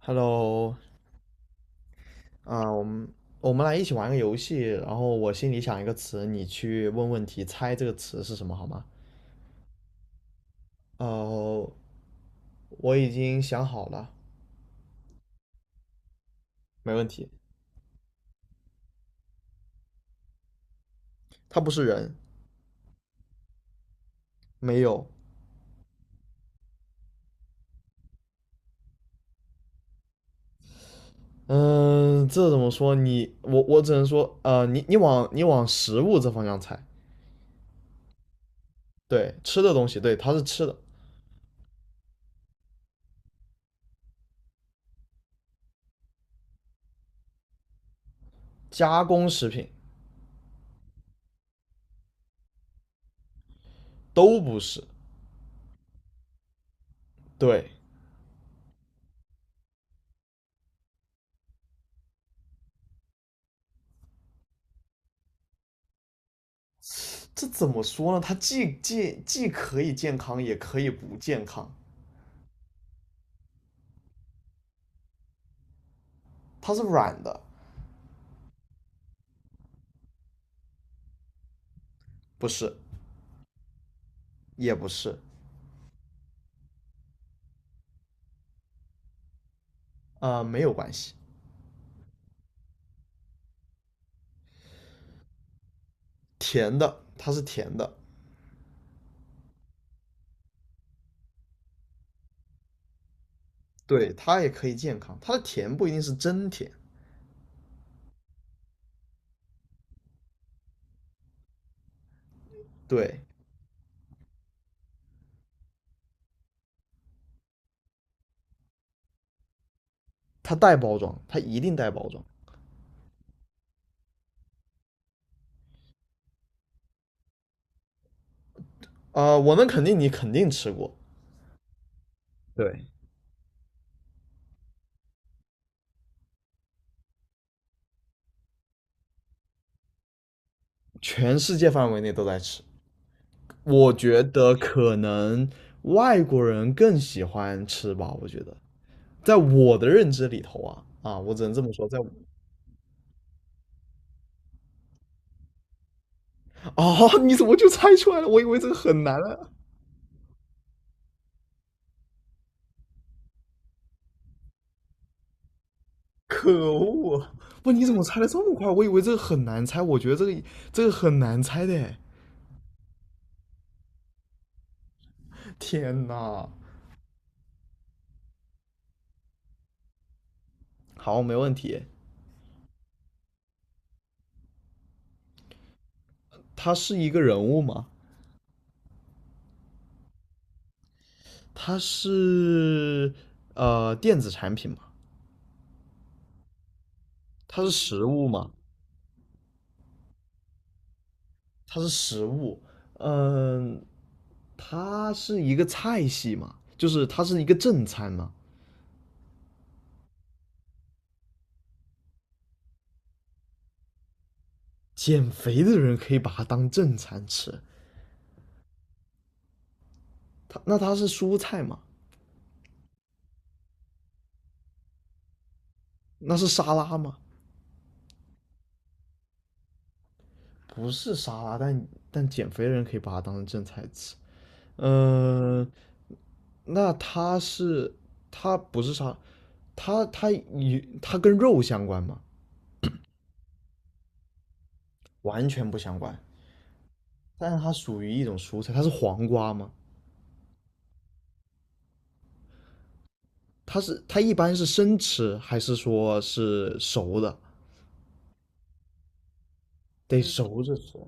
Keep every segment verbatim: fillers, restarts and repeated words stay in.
Hello,啊、我们我们来一起玩个游戏，然后我心里想一个词，你去问问题，猜这个词是什么，好吗？呃，我已经想好了，没问题。它不是人，没有。嗯、这怎么说？你我我只能说，呃，你你往你往食物这方向猜，对，吃的东西，对，它是吃的，加工食品都不是，对。这怎么说呢？它既既既可以健康，也可以不健康，它是软的。不是，也不是，啊，没有关系。甜的，它是甜的，对，它也可以健康。它的甜不一定是真甜，对，它带包装，它一定带包装。呃，我能肯定你肯定吃过，对，全世界范围内都在吃。我觉得可能外国人更喜欢吃吧，我觉得，在我的认知里头啊，啊，我只能这么说，在我哦，你怎么就猜出来了？我以为这个很难啊。可恶！不，你怎么猜的这么快？我以为这个很难猜，我觉得这个这个很难猜的。天哪！好，没问题。它是一个人物吗？它是呃电子产品吗？它是食物吗？它是食物。嗯，它是一个菜系吗？就是它是一个正餐吗？减肥的人可以把它当正餐吃。它那它是蔬菜吗？那是沙拉吗？不是沙拉，但但减肥的人可以把它当成正菜吃。嗯、那它是它不是沙，它它与它跟肉相关吗？完全不相关。但是它属于一种蔬菜，它是黄瓜吗？它是它一般是生吃还是说是熟的？得嗯熟着吃。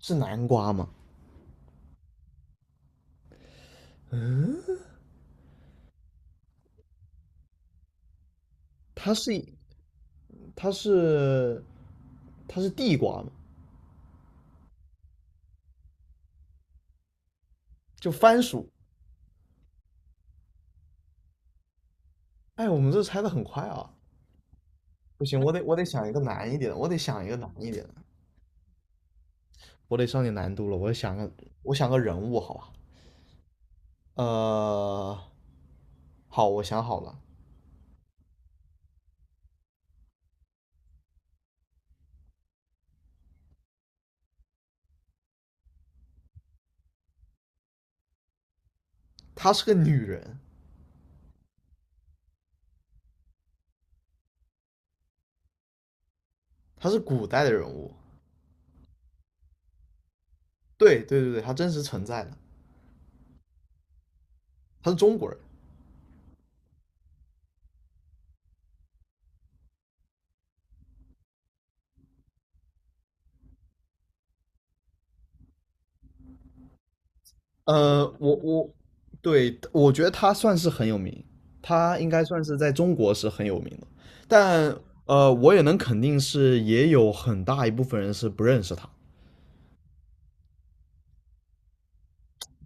是南瓜吗？它是它是它是地瓜吗？就番薯。哎，我们这猜的很快啊。不行，我得我得想一个难一点的，我得想一个难一点的，我得上点难度了。我想个我想个人物，好吧？呃，好，我想好了，她是个女人，她是古代的人物，对对对对，她真实存在的，她是中国人。呃，我我对我觉得她算是很有名，她应该算是在中国是很有名的，但呃，我也能肯定是也有很大一部分人是不认识她。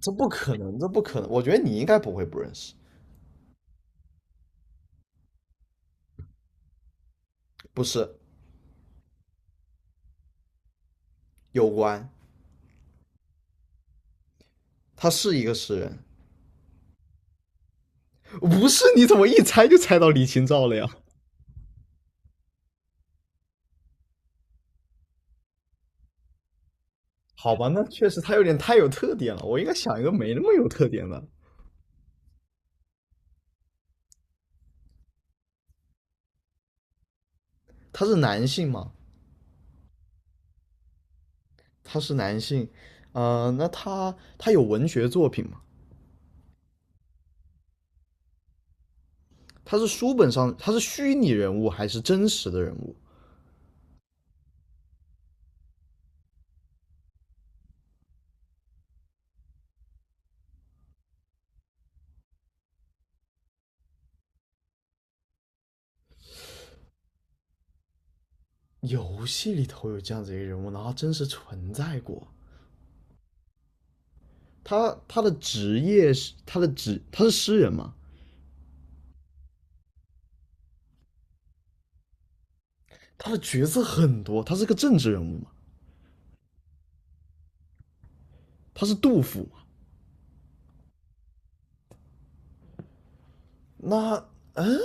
这不可能，这不可能！我觉得你应该不会不认识，不是？有关，他是一个诗人。不是，你怎么一猜就猜到李清照了呀？好吧，那确实他有点太有特点了，我应该想一个没那么有特点的。他是男性嘛？他是男性，呃，那他他有文学作品吗？他是书本上他是虚拟人物还是真实的人物？游戏里头有这样子一个人物，然后真实存在过。他他的职业是他的职他是诗人嘛？他的角色很多，他是个政治人物嘛？他是杜甫那嗯，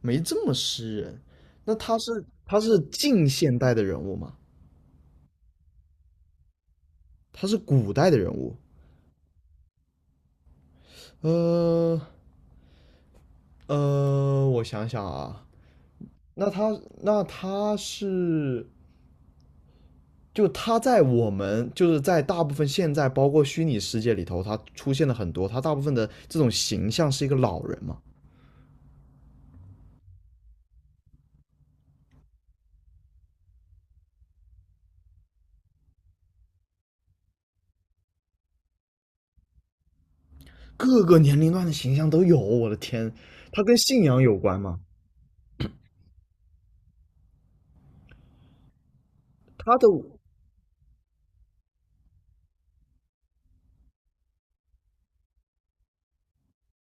没这么诗人。那他是他是近现代的人物吗？他是古代的人物？呃呃，我想想啊，那他那他是就他在我们就是在大部分现在包括虚拟世界里头，他出现了很多，他大部分的这种形象是一个老人嘛，各个年龄段的形象都有。我的天，他跟信仰有关吗？他的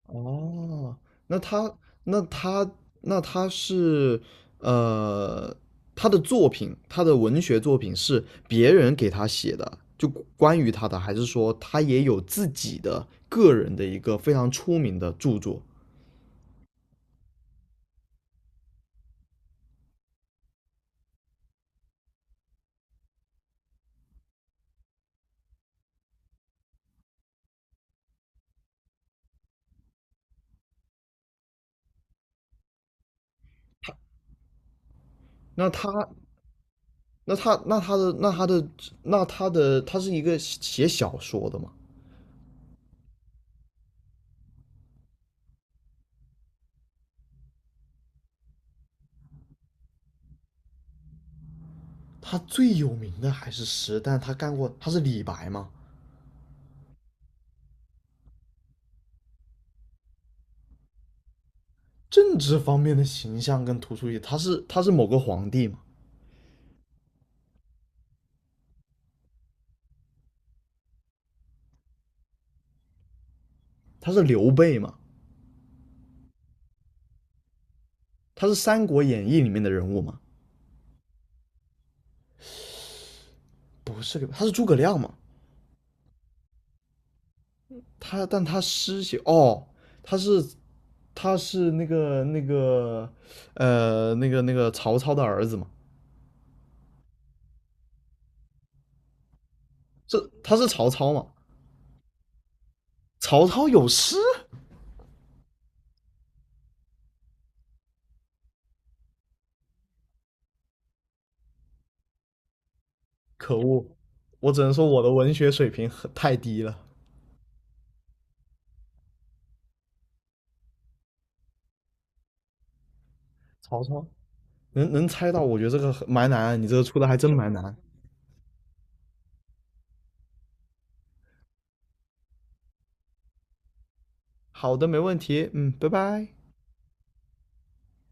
哦，那他那他那他是呃，他的作品，他的文学作品是别人给他写的，就关于他的，还是说他也有自己的个人的一个非常出名的著作？那他那他那他的那他的那他的他是一个写写小说的吗？他最有名的还是诗，但他干过，他是李白吗？政治方面的形象更突出一些，他是他是某个皇帝吗？他是刘备吗？他是《三国演义》里面的人物吗？不是刘备，他是诸葛亮吗？他但他诗写哦，他是他是那个那个呃那个那个曹操的儿子嘛？这他是曹操嘛？曹操有诗？可恶，我只能说我的文学水平很太低了。曹操能能猜到，我觉得这个很蛮难，你这个出的还真蛮难。好的，没问题，嗯，拜拜。